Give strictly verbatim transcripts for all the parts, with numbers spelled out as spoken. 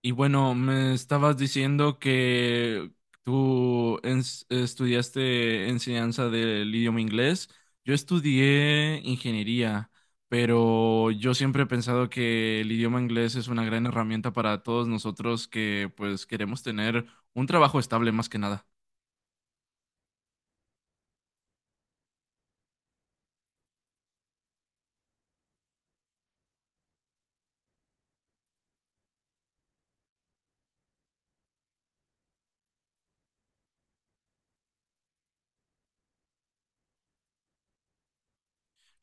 Y bueno, me estabas diciendo que tú ens- estudiaste enseñanza del idioma inglés. Yo estudié ingeniería, pero yo siempre he pensado que el idioma inglés es una gran herramienta para todos nosotros que pues queremos tener un trabajo estable más que nada.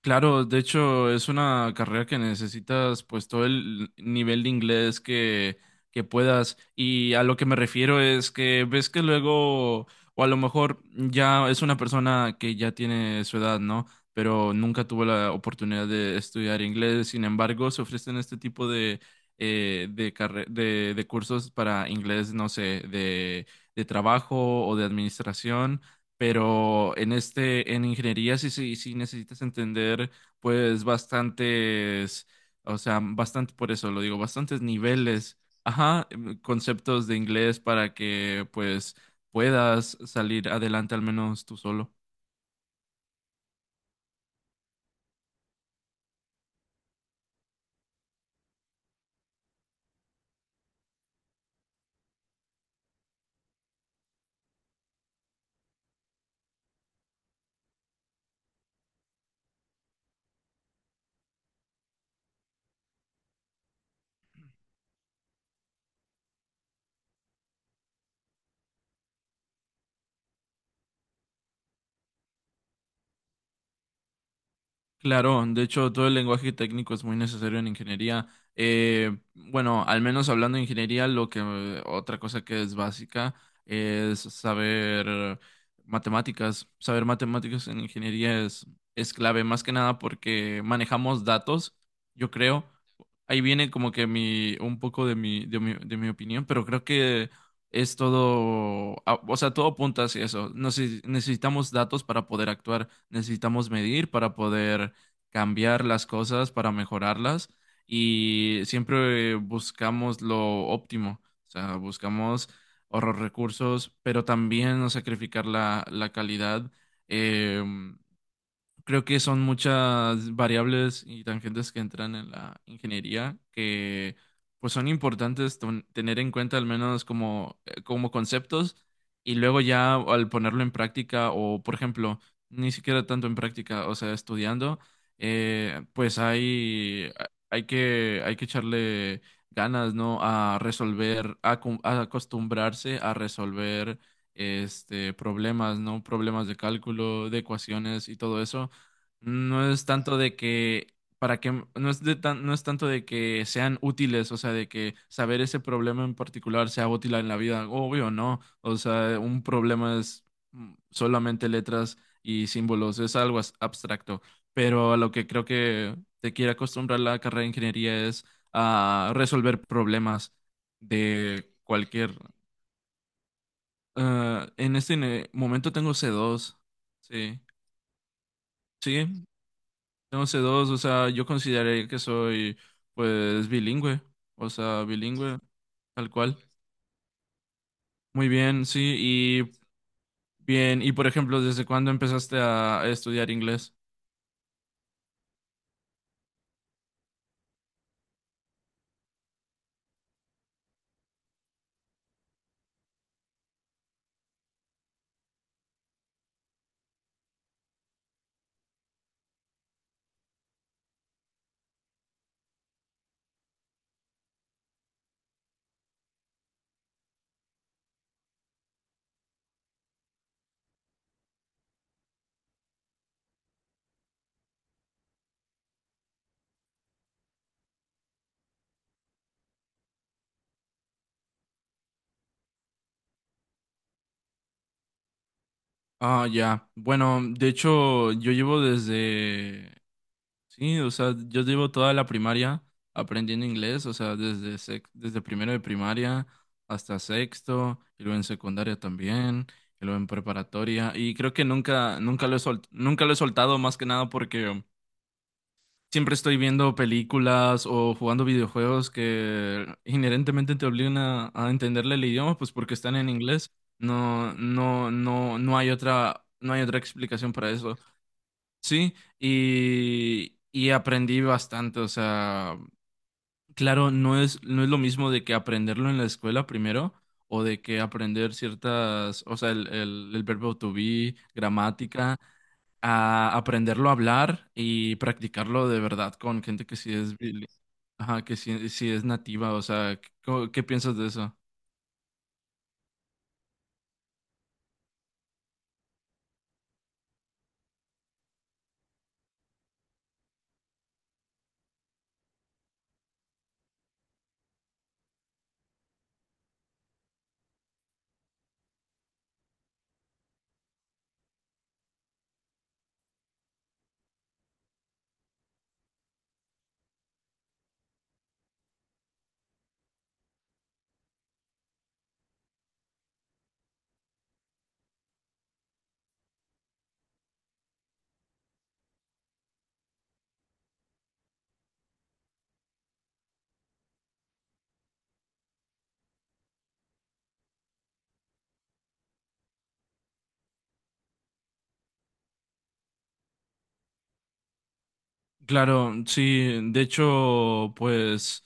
Claro, de hecho es una carrera que necesitas pues todo el nivel de inglés que, que puedas, y a lo que me refiero es que ves que luego o a lo mejor ya es una persona que ya tiene su edad, ¿no? Pero nunca tuvo la oportunidad de estudiar inglés, sin embargo se ofrecen este tipo de, eh, de, carre- de, de cursos para inglés, no sé, de, de trabajo o de administración, pero en este, en ingeniería sí, sí, sí necesitas entender pues bastantes, o sea, bastante, por eso lo digo, bastantes niveles, ajá, em, conceptos de inglés para que pues puedas salir adelante al menos tú solo. Claro, de hecho todo el lenguaje técnico es muy necesario en ingeniería. Eh, bueno, al menos hablando de ingeniería, lo que eh, otra cosa que es básica es saber matemáticas. Saber matemáticas en ingeniería es, es clave, más que nada porque manejamos datos, yo creo ahí viene como que mi, un poco de mi, de mi, de mi opinión, pero creo que es todo, a- o sea, todo apunta hacia eso. Nece- Necesitamos datos para poder actuar, necesitamos medir para poder cambiar las cosas, para mejorarlas, y siempre buscamos lo óptimo, o sea, buscamos ahorrar recursos, pero también no sacrificar la, la calidad. em, Creo que son muchas variables y tangentes que entran en la ingeniería que pues son importantes ton- tener en cuenta al menos como, eh, como conceptos, y luego ya al ponerlo en práctica o, por ejemplo, ni siquiera tanto en práctica, o sea, estudiando, eh, pues hay, hay que, hay que echarle ganas, ¿no? A resolver, a, acom- a acostumbrarse a resolver este, problemas, ¿no? Problemas de cálculo, de ecuaciones y todo eso no es tanto de que para que no es de tan- no es tanto de que sean útiles, o sea, de que saber ese problema en particular sea útil en la vida, obvio, no. O sea, un problema es mm, solamente letras y símbolos, es algo as- abstracto, pero a lo que creo que te quiere acostumbrar la carrera de ingeniería es a resolver problemas de cualquier. Ah, en este ne- momento tengo c dos. Sí. Sí, tengo c dos, o sea, yo consideraría que soy, pues, bilingüe, o sea, bilingüe, tal cual. Muy bien, sí, y bien, y por ejemplo, ¿desde cuándo empezaste a a estudiar inglés? Ah, ya, bueno, de hecho, yo llevo desde, sí, o sea, yo llevo toda la primaria aprendiendo inglés, o sea, desde, sec- desde primero de primaria hasta sexto, y luego en secundaria también, y luego en preparatoria. Y creo que nunca nunca lo he sol- nunca lo he soltado, más que nada porque siempre estoy viendo películas o jugando videojuegos que inherentemente te obligan a, a entenderle el idioma, pues porque están en inglés. No, no, no, no hay otra, no hay otra explicación para eso. Sí, y, y aprendí bastante. O sea, claro, no es, no es lo mismo de que aprenderlo en la escuela primero, o de que aprender ciertas, o sea, el, el, el verbo to be, gramática, a aprenderlo a hablar y practicarlo de verdad con gente que sí es, bili- ajá, que sí, sí es nativa, o sea, ¿qué, qué piensas de eso? Claro, sí, de hecho, pues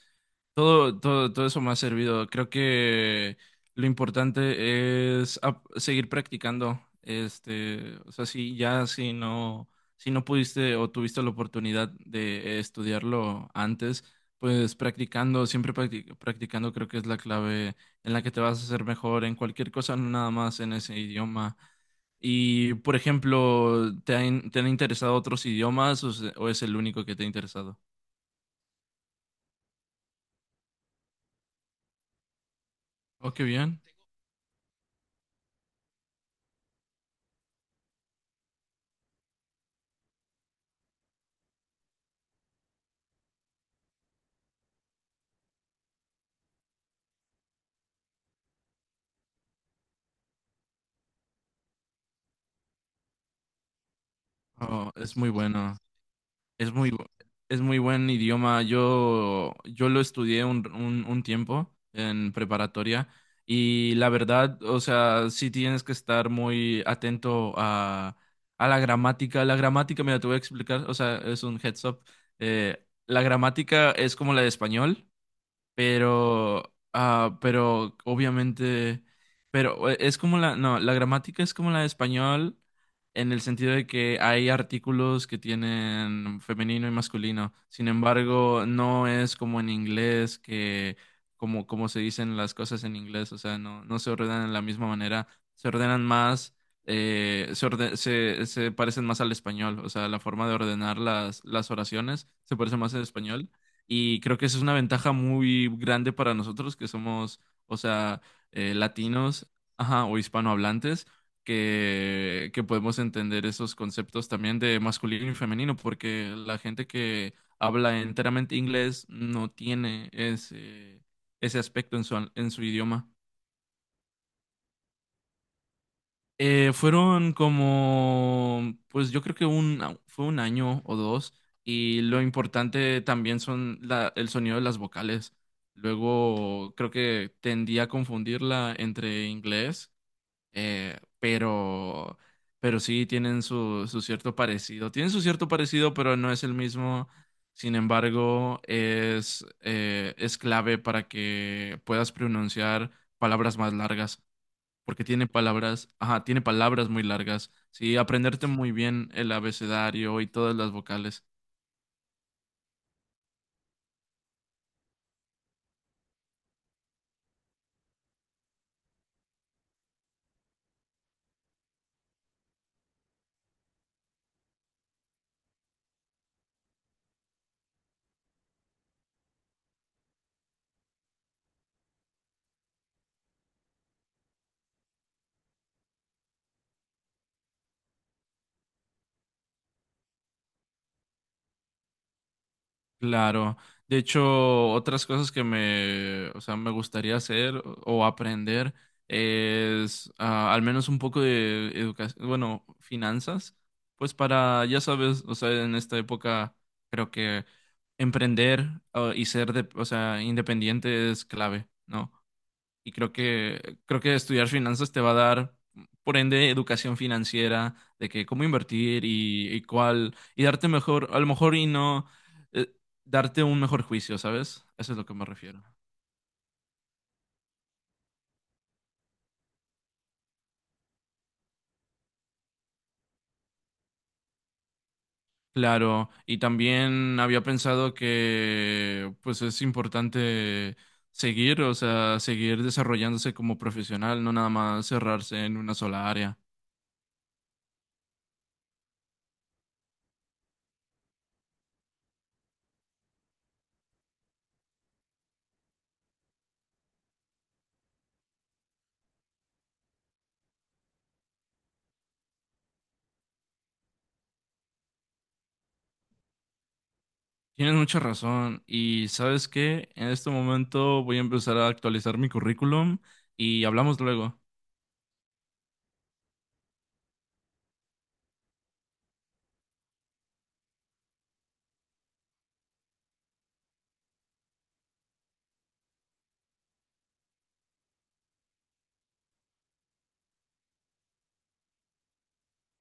todo, todo, todo eso me ha servido. Creo que lo importante es ap- seguir practicando. Este, o sea, si ya si no, si no pudiste o tuviste la oportunidad de estudiarlo antes, pues practicando, siempre practi- practicando, creo que es la clave en la que te vas a hacer mejor en cualquier cosa, no nada más en ese idioma. Y, por ejemplo, ¿te han, ¿te han interesado otros idiomas o, se- o es el único que te ha interesado? Oh, qué bien. Oh, es muy bueno. Es muy, bu- es muy buen idioma. Yo, yo lo estudié un, un, un tiempo en preparatoria, y la verdad, o sea, sí tienes que estar muy atento a, a la gramática. La gramática, mira, te voy a explicar, o sea, es un heads up. Eh, la gramática es como la de español. Pero, ah, pero obviamente, pero eh, es como la, no, la gramática es como la de español en el sentido de que hay artículos que tienen femenino y masculino. Sin embargo, no es como en inglés que, como, como se dicen las cosas en inglés, o sea, no, no se ordenan de la misma manera, se ordenan más, eh, se, orde- se, se parecen más al español, o sea, la forma de ordenar las, las oraciones se parece más al español. Y creo que esa es una ventaja muy grande para nosotros que somos, o sea, eh, latinos, ajá, o hispanohablantes, que, que podemos entender esos conceptos también de masculino y femenino, porque la gente que habla enteramente inglés no tiene ese, ese aspecto en su, en su idioma. Eh, fueron como, pues yo creo que un, fue un año o dos, y lo importante también son la, el sonido de las vocales. Luego creo que tendía a confundirla entre inglés, eh, pero, pero sí tienen su, su cierto parecido. Tienen su cierto parecido, pero no es el mismo. Sin embargo, es, eh, es clave para que puedas pronunciar palabras más largas porque tiene palabras, ajá, tiene palabras muy largas. Sí, aprenderte muy bien el abecedario y todas las vocales. Claro. De hecho, otras cosas que me, o sea, me gustaría hacer o aprender es ah, al menos un poco de educación, bueno, finanzas, pues para, ya sabes, o sea, en esta época creo que emprender ah, y ser, de, o sea, independiente es clave, ¿no? Y creo que, creo que estudiar finanzas te va a dar, por ende, educación financiera, de que cómo invertir y, y cuál, y darte mejor, a lo mejor y no, eh, darte un mejor juicio, ¿sabes? Eso es lo que me refiero. Claro, y también había pensado que pues es importante seguir, o sea, seguir desarrollándose como profesional, no nada más cerrarse en una sola área. Tienes mucha razón. Y sabes qué, en este momento voy a empezar a actualizar mi currículum y hablamos luego.